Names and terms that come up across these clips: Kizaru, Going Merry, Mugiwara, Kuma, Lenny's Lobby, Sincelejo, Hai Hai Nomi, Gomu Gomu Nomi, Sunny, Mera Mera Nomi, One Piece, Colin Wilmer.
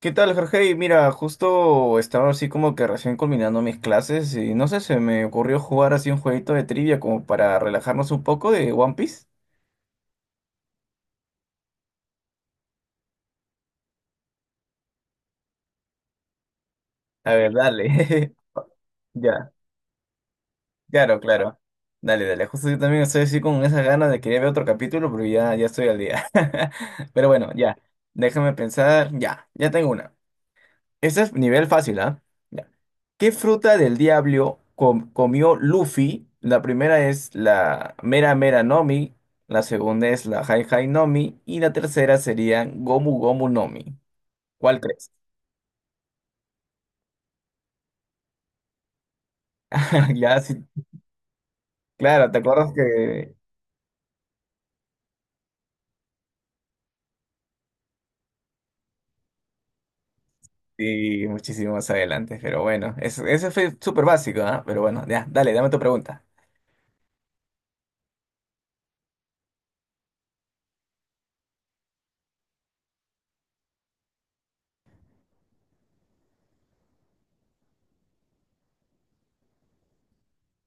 ¿Qué tal, Jorge? Y mira, justo estaba así como que recién culminando mis clases y no sé, se me ocurrió jugar así un jueguito de trivia como para relajarnos un poco de One Piece. A ver, dale. Ya, claro, claro. Dale, dale. Justo yo también estoy así con esas ganas de querer ver otro capítulo, pero ya, ya estoy al día. Pero bueno, ya. Déjame pensar. Ya, ya tengo una. Este es nivel fácil, ¿ah? Ya. ¿Qué fruta del diablo comió Luffy? La primera es la Mera Mera Nomi, la segunda es la Hai Hai Nomi y la tercera sería Gomu Gomu Nomi. ¿Cuál crees? Ya, sí, claro, te acuerdas que sí, muchísimo más adelante, pero bueno, ese fue súper básico, ¿ah? Pero bueno, ya, dale, dame tu pregunta.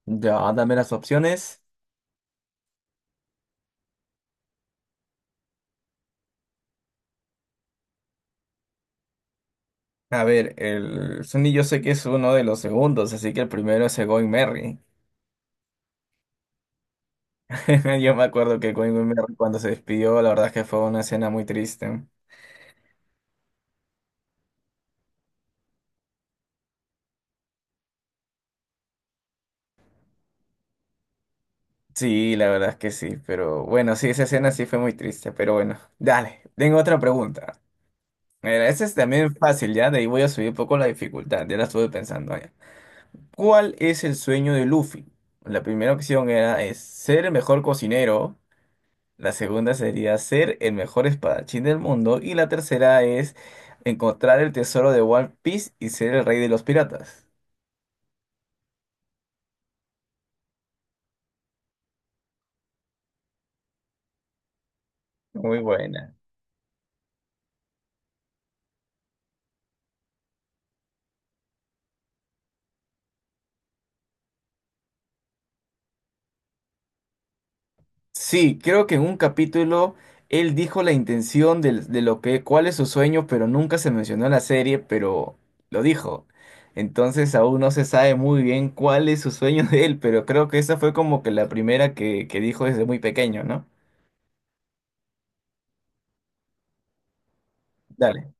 Ya, dame las opciones. A ver, el Sunny yo sé que es uno de los segundos, así que el primero es el Going Merry. Yo me acuerdo que Colin Wilmer cuando se despidió, la verdad es que fue una escena muy triste. Sí, la verdad es que sí, pero bueno, sí, esa escena sí fue muy triste, pero bueno, dale, tengo otra pregunta. Mira, esa es también fácil, ya, de ahí voy a subir un poco la dificultad, ya la estuve pensando ya. ¿Cuál es el sueño de Luffy? La primera opción era es ser el mejor cocinero, la segunda sería ser el mejor espadachín del mundo y la tercera es encontrar el tesoro de One Piece y ser el rey de los piratas. Muy buena. Sí, creo que en un capítulo él dijo la intención de, lo que, cuál es su sueño, pero nunca se mencionó en la serie, pero lo dijo. Entonces aún no se sabe muy bien cuál es su sueño de él, pero creo que esa fue como que la primera que dijo desde muy pequeño, ¿no? Dale,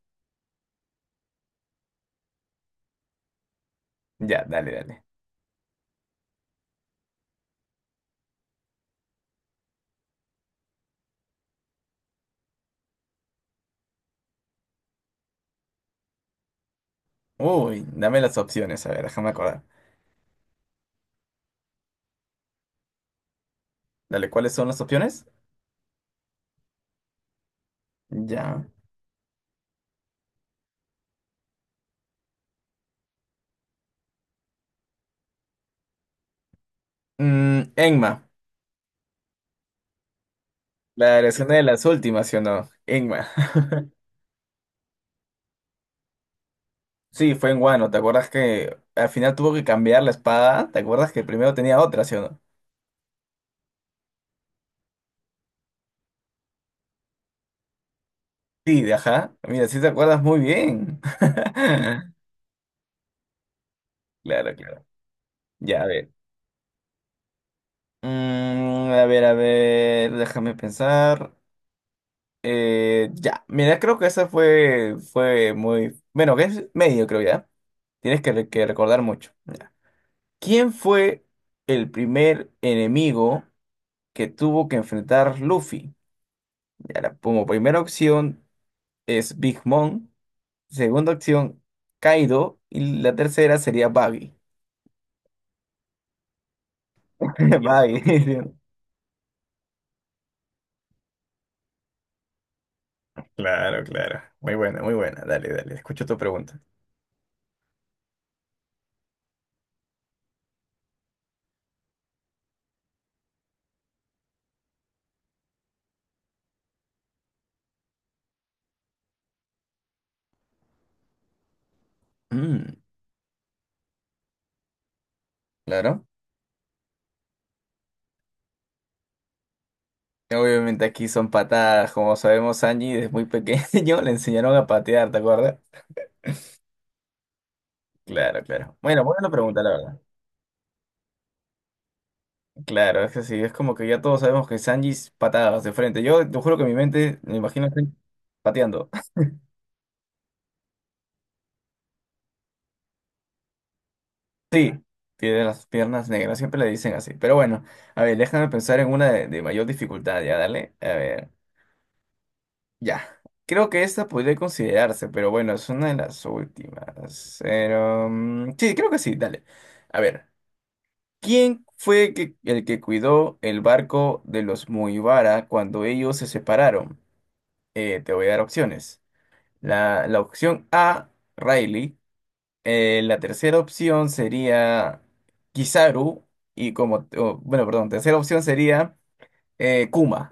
ya, dale, dale. Uy, dame las opciones, a ver, déjame acordar. Dale, ¿cuáles son las opciones? Ya. Mm, Enma, la escena de las últimas, ¿sí o no? Enma. Sí, fue en Wano. ¿Te acuerdas que al final tuvo que cambiar la espada? ¿Te acuerdas que primero tenía otra, sí o no? Sí, de ajá. Mira, sí te acuerdas muy bien. Claro, claro. Ya, a ver. Mm, a ver, déjame pensar. Ya, mira, creo que esa fue, fue muy... Bueno, que es medio, creo ya. Tienes que, que recordar mucho. Ya. ¿Quién fue el primer enemigo que tuvo que enfrentar Luffy? Ya, la- como primera opción. Es Big Mom. Segunda opción, Kaido. Y la tercera sería Baggy. Baggy. Claro, claro. Muy buena, muy buena. Dale, dale. Escucho tu pregunta. Mm, claro. Obviamente aquí son patadas, como sabemos, Sanji desde muy pequeño le enseñaron a patear, ¿te acuerdas? Claro, claro. Bueno, buena pregunta, la verdad. Claro, es que sí, es como que ya todos sabemos que Sanji es patadas de frente. Yo te juro que mi mente me imagino a Sanji pateando. Sí, tiene las piernas negras, siempre le dicen así. Pero bueno, a ver, déjame pensar en una de mayor dificultad, ya, dale. A ver, ya. Creo que esta podría considerarse, pero bueno, es una de las últimas. Pero, mm, sí, creo que sí, dale. A ver, ¿quién fue el que cuidó el barco de los Mugiwara cuando ellos se separaron? Te voy a dar opciones. La opción A, Riley. La tercera opción sería Kizaru y como, o, bueno, perdón, tercera opción sería Kuma.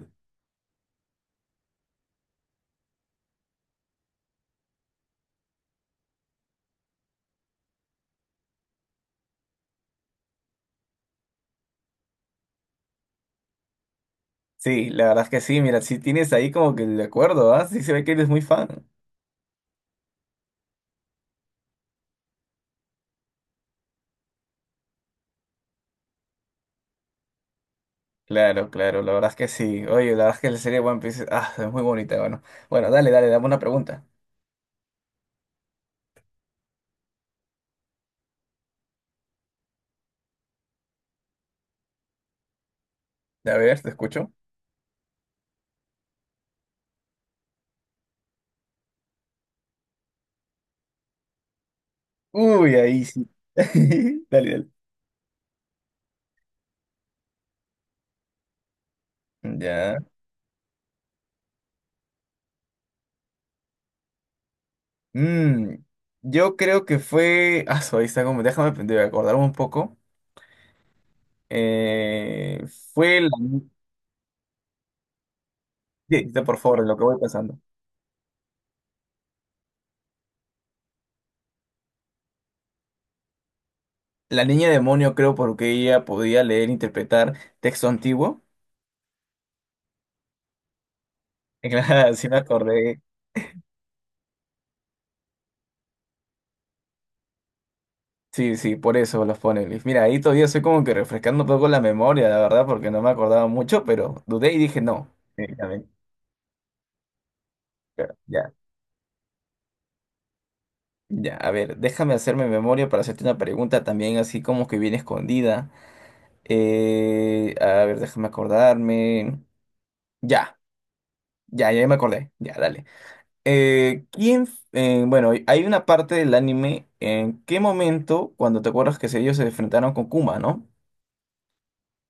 Sí, la verdad es que sí, mira, si tienes ahí como que de acuerdo, ¿ah? Sí se ve que eres muy fan. Claro, claro, la verdad es que sí. Oye, la verdad es que la serie One Piece, ah, es muy bonita, bueno. Bueno, dale, dale, dame una pregunta. A ver, te escucho. Uy, ahí sí. Dale, dale. Ya. Mm, yo creo que fue. Ah, su, ahí está como. Déjame de acordarme un poco. Eh, fue la... ni- Sí, sí, por favor, de lo que voy pasando. La niña demonio creo porque ella podía leer e interpretar texto antiguo. Claro, sí me acordé. Sí, sí, por eso los pone Luis. Mira, ahí todavía estoy como que refrescando un poco la memoria, la verdad, porque no me acordaba mucho, pero dudé y dije no. Directamente. Pero ya, ya. A ver, déjame hacerme memoria para hacerte una pregunta también así como que bien escondida. A ver, déjame acordarme. Ya, ya, ya me acordé. Ya, dale. ¿Quién, bueno, hay una parte del anime en qué momento, cuando te acuerdas que ellos se enfrentaron con Kuma, ¿no?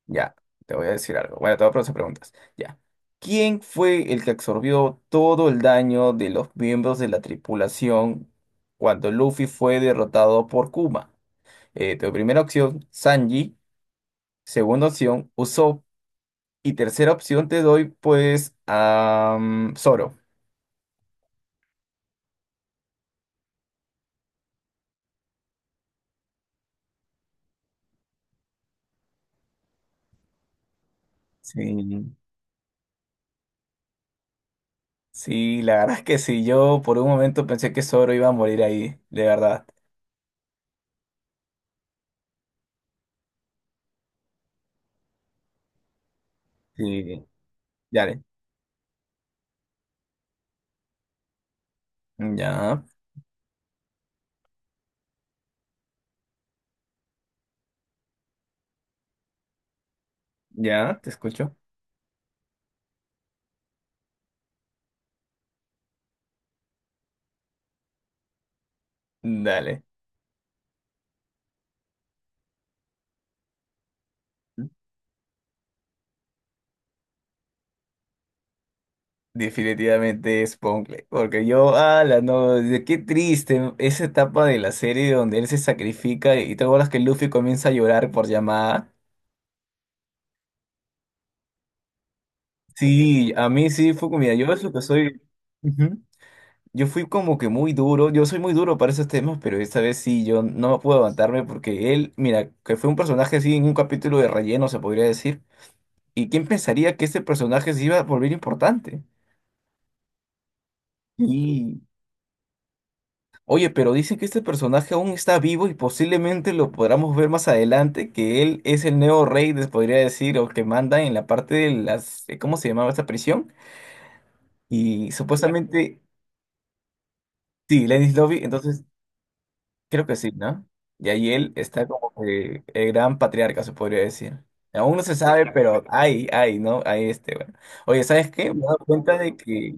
Ya, te voy a decir algo. Bueno, te voy a hacer preguntas. Ya. ¿Quién fue el que absorbió todo el daño de los miembros de la tripulación cuando Luffy fue derrotado por Kuma? Tu primera opción, Sanji. Segunda opción, Usopp. Y tercera opción te doy, pues, a mm, Zoro. Sí. Sí, la verdad es que sí, yo por un momento pensé que Zoro iba a morir ahí, de verdad. Sí, dale. Ya, ya, te escucho. Dale. Definitivamente es Poncle, porque yo, ala, no, qué triste esa etapa de la serie donde él se sacrifica y te acuerdas que Luffy comienza a llorar por llamada. Sí, a mí sí fue como, mira, yo eso que soy. Ujú. Yo fui como que muy duro, yo soy muy duro para esos temas, pero esta vez sí, yo no puedo levantarme porque él, mira, que fue un personaje así en un capítulo de relleno, se podría decir. ¿Y quién pensaría que este personaje se iba a volver importante? Y, oye, pero dice que este personaje aún está vivo y posiblemente lo podamos ver más adelante, que él es el nuevo rey, les podría decir, o que manda en la parte de las, ¿cómo se llamaba esta prisión? Y supuestamente, sí, Lenny's Lobby, entonces... Creo que sí, ¿no? Y ahí él está como que el gran patriarca, se podría decir. Aún no se sabe, pero hay, ¿no? Hay este, bueno. Oye, ¿sabes qué? Me he dado cuenta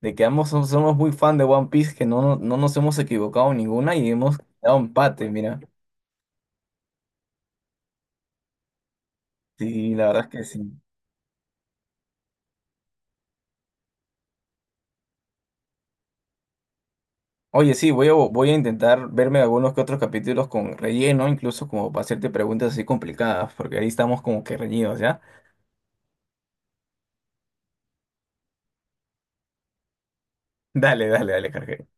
de que ambos somos muy fan de One Piece, que no, no, no nos hemos equivocado en ninguna y hemos dado empate, mira. Sí, la verdad es que sí. Oye, sí, voy a, voy a intentar verme algunos que otros capítulos con relleno, incluso como para hacerte preguntas así complicadas, porque ahí estamos como que reñidos, ¿ya? Dale, dale, dale, Jorge.